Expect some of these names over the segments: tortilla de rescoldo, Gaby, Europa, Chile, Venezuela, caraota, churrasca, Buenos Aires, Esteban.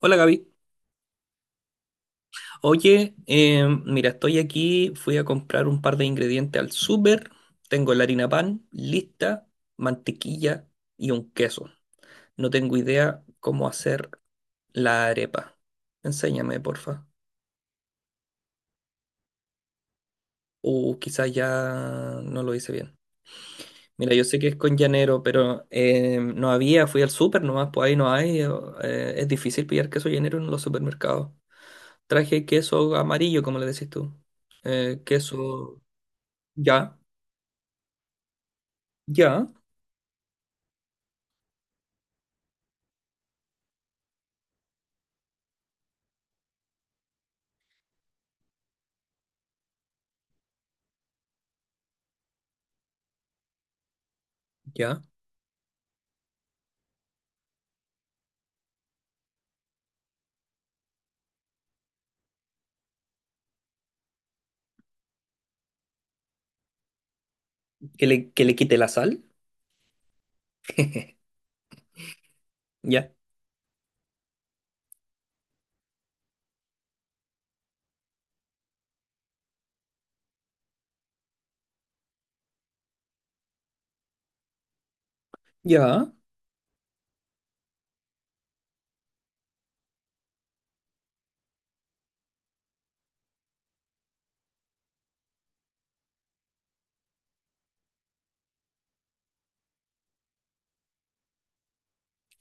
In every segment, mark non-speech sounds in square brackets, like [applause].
Hola Gaby. Oye, mira, estoy aquí, fui a comprar un par de ingredientes al súper, tengo la harina pan lista, mantequilla y un queso. No tengo idea cómo hacer la arepa. Enséñame, porfa. O quizás ya no lo hice bien. Mira, yo sé que es con llanero, pero no había, fui al súper nomás, pues ahí no hay. Es difícil pillar queso llanero en los supermercados. Traje queso amarillo, como le decís tú. Eh, queso... Ya. Ya, ya. Que le quite la sal. [laughs] Ya, ya.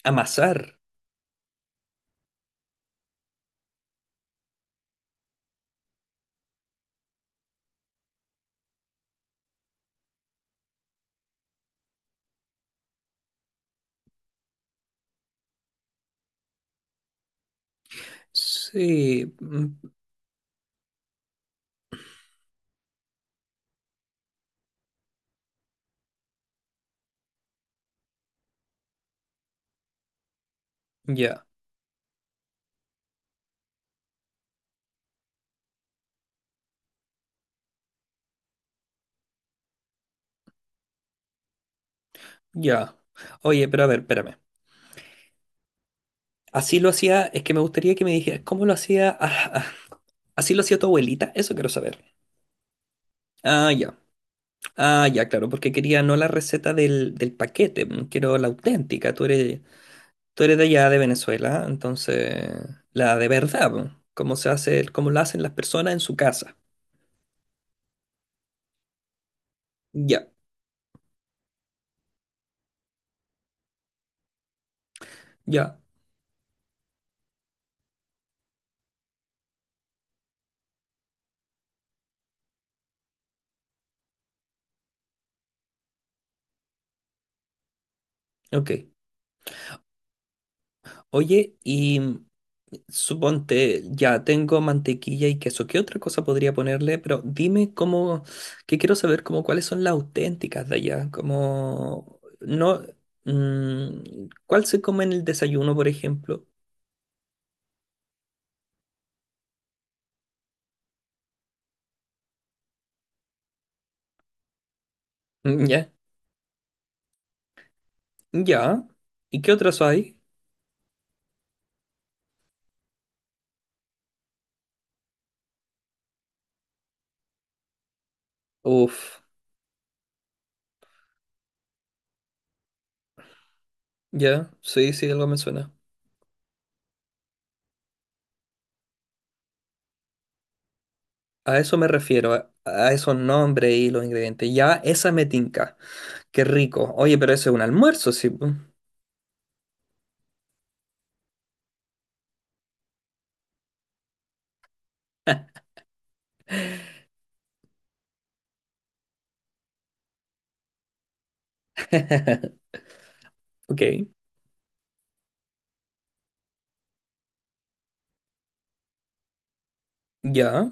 Amasar. Sí, ya, ya. Oye, pero a ver, espérame. Así lo hacía, es que me gustaría que me dijeras, ¿cómo lo hacía? ¿Así lo hacía tu abuelita? Eso quiero saber. Ah, ya. Ah, ya, claro, porque quería no la receta del paquete, mm, quiero la auténtica. Tú eres de allá de Venezuela, entonces la de verdad, mm, cómo se hace, cómo la hacen las personas en su casa. Ya, ya, ok. Oye, y suponte, ya tengo mantequilla y queso. ¿Qué otra cosa podría ponerle? Pero dime cómo, que quiero saber como cuáles son las auténticas de allá. Como, no, mm, ¿cuál se come en el desayuno, por ejemplo? Mm, ya, ya. ¿Y qué otras hay? Uf, ya, sí, sí, algo me suena. A eso me refiero, a esos nombres y los ingredientes. Ya, esa me tinca. Qué rico. Oye, pero eso es un almuerzo, sí po. [laughs] Ok. Ya,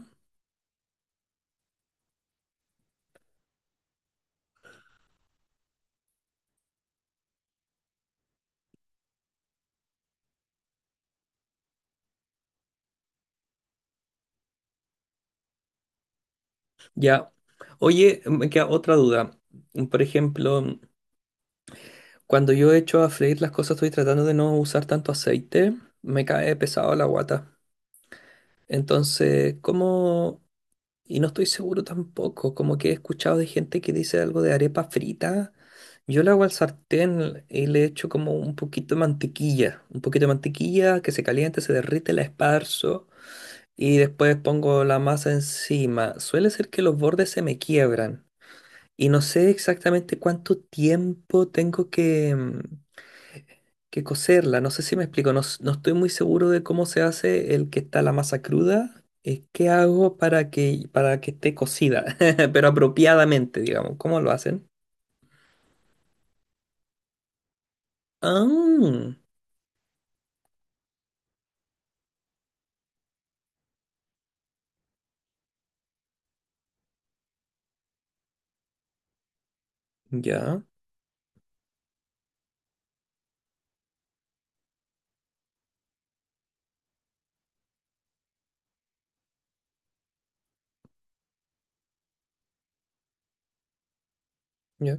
ya. Oye, me queda otra duda. Por ejemplo, cuando yo echo a freír las cosas, estoy tratando de no usar tanto aceite, me cae pesado la guata. Entonces, ¿cómo? Y no estoy seguro tampoco, como que he escuchado de gente que dice algo de arepa frita. Yo la hago al sartén y le echo como un poquito de mantequilla, un poquito de mantequilla que se caliente, se derrite, la esparzo y después pongo la masa encima. Suele ser que los bordes se me quiebran. Y no sé exactamente cuánto tiempo tengo que cocerla. No sé si me explico. No estoy muy seguro de cómo se hace el que está la masa cruda. ¿Qué hago para para que esté cocida? [laughs] Pero apropiadamente, digamos. ¿Cómo lo hacen? Ah, ya, ya.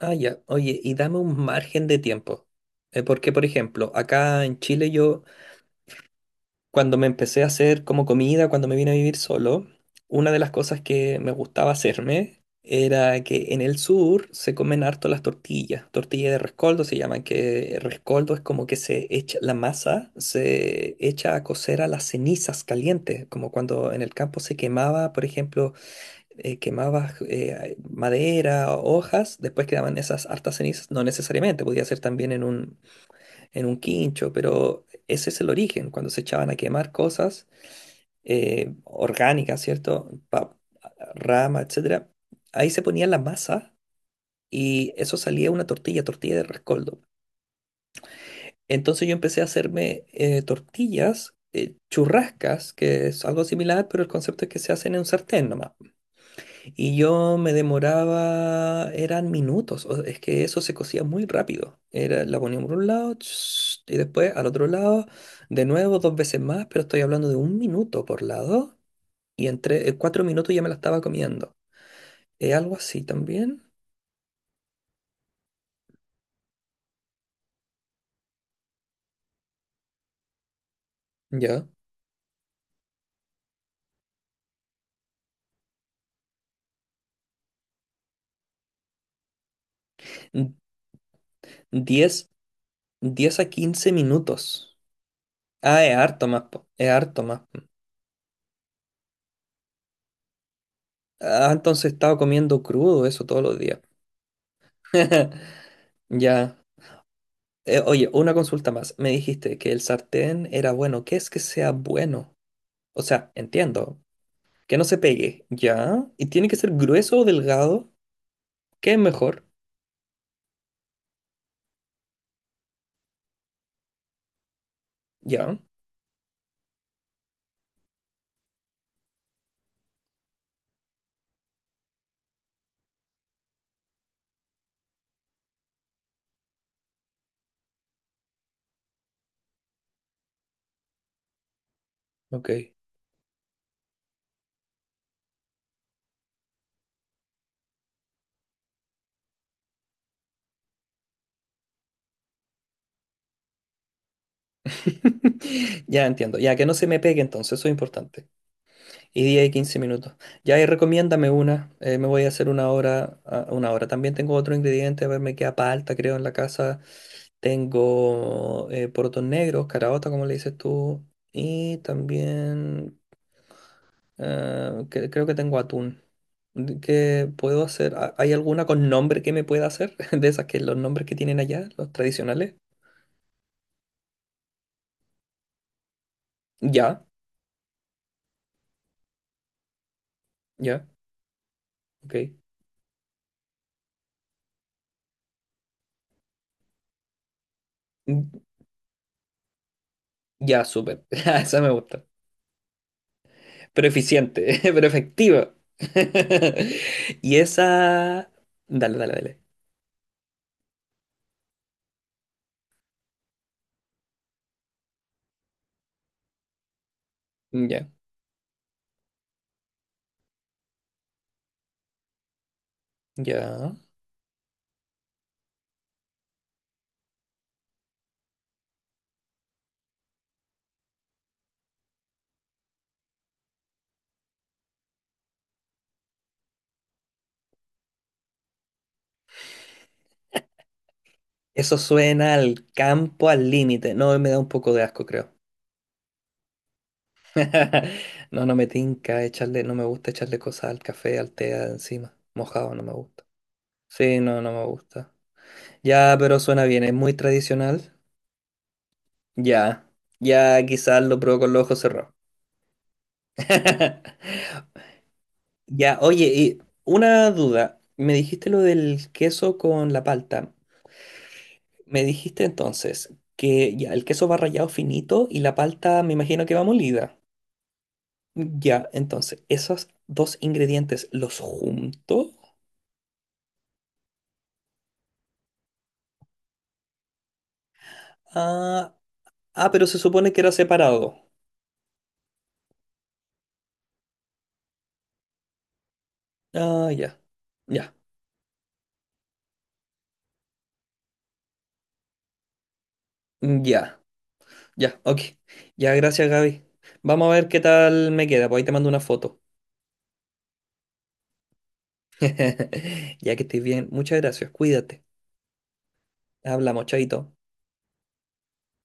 Ah, ya. Oye, y dame un margen de tiempo. Porque, por ejemplo, acá en Chile yo cuando me empecé a hacer como comida, cuando me vine a vivir solo, una de las cosas que me gustaba hacerme era que en el sur se comen harto las tortillas. Tortilla de rescoldo se llaman, que rescoldo es como que se echa, la masa se echa a cocer a las cenizas calientes, como cuando en el campo se quemaba, por ejemplo, quemaba madera hojas, después quedaban esas hartas cenizas, no necesariamente, podía ser también en un quincho, pero ese es el origen, cuando se echaban a quemar cosas orgánicas, ¿cierto? Rama, etcétera. Ahí se ponía la masa y eso salía una tortilla, tortilla de rescoldo. Entonces yo empecé a hacerme tortillas, churrascas, que es algo similar, pero el concepto es que se hacen en un sartén nomás. Y yo me demoraba, eran minutos, es que eso se cocía muy rápido. Era, la ponía por un lado ch, y después al otro lado, de nuevo dos veces más, pero estoy hablando de un minuto por lado y en cuatro minutos ya me la estaba comiendo. ¿Es algo así también? Ya. N- Diez, diez a quince minutos. Ah, es harto más, po, es harto más. Ah, entonces estaba comiendo crudo eso todos los días. [laughs] Ya. Oye, una consulta más. Me dijiste que el sartén era bueno. ¿Qué es que sea bueno? O sea, entiendo. Que no se pegue. ¿Ya? ¿Y tiene que ser grueso o delgado? ¿Qué es mejor? ¿Ya? Ok. [laughs] Ya entiendo. Ya que no se me pegue entonces, eso es importante. Y 10 y 15 minutos. Ya y recomiéndame una. Me voy a hacer una hora. Una hora. También tengo otro ingrediente. A ver, me queda palta, creo, en la casa. Tengo porotos negros, caraota, como le dices tú. Y también creo que tengo atún. ¿Qué puedo hacer? ¿Hay alguna con nombre que me pueda hacer? [laughs] De esas que los nombres que tienen allá, los tradicionales. Ya, ya, ok. Mm, ya, súper. [laughs] Ah, esa me gusta. Pero eficiente, [laughs] pero efectiva. [laughs] Y esa... Dale, dale, dale. Mm, ya, ya. Eso suena al campo al límite. No, me da un poco de asco, creo. [laughs] No, no me tinca echarle, no me gusta echarle cosas al café, al té encima. Mojado no me gusta. Sí, no, no me gusta. Ya, pero suena bien, es muy tradicional. Ya, ya quizás lo pruebo con los ojos cerrados. [laughs] Ya, oye, y una duda. Me dijiste lo del queso con la palta. Me dijiste entonces que ya el queso va rallado finito y la palta me imagino que va molida. Ya, entonces, esos dos ingredientes los junto. Ah, ah, pero se supone que era separado. Ah, ya. Ya. Ya. Ya, ok. Ya, gracias, Gaby. Vamos a ver qué tal me queda, pues ahí te mando una foto. [laughs] Ya que estés bien. Muchas gracias, cuídate. Hablamos, chaito.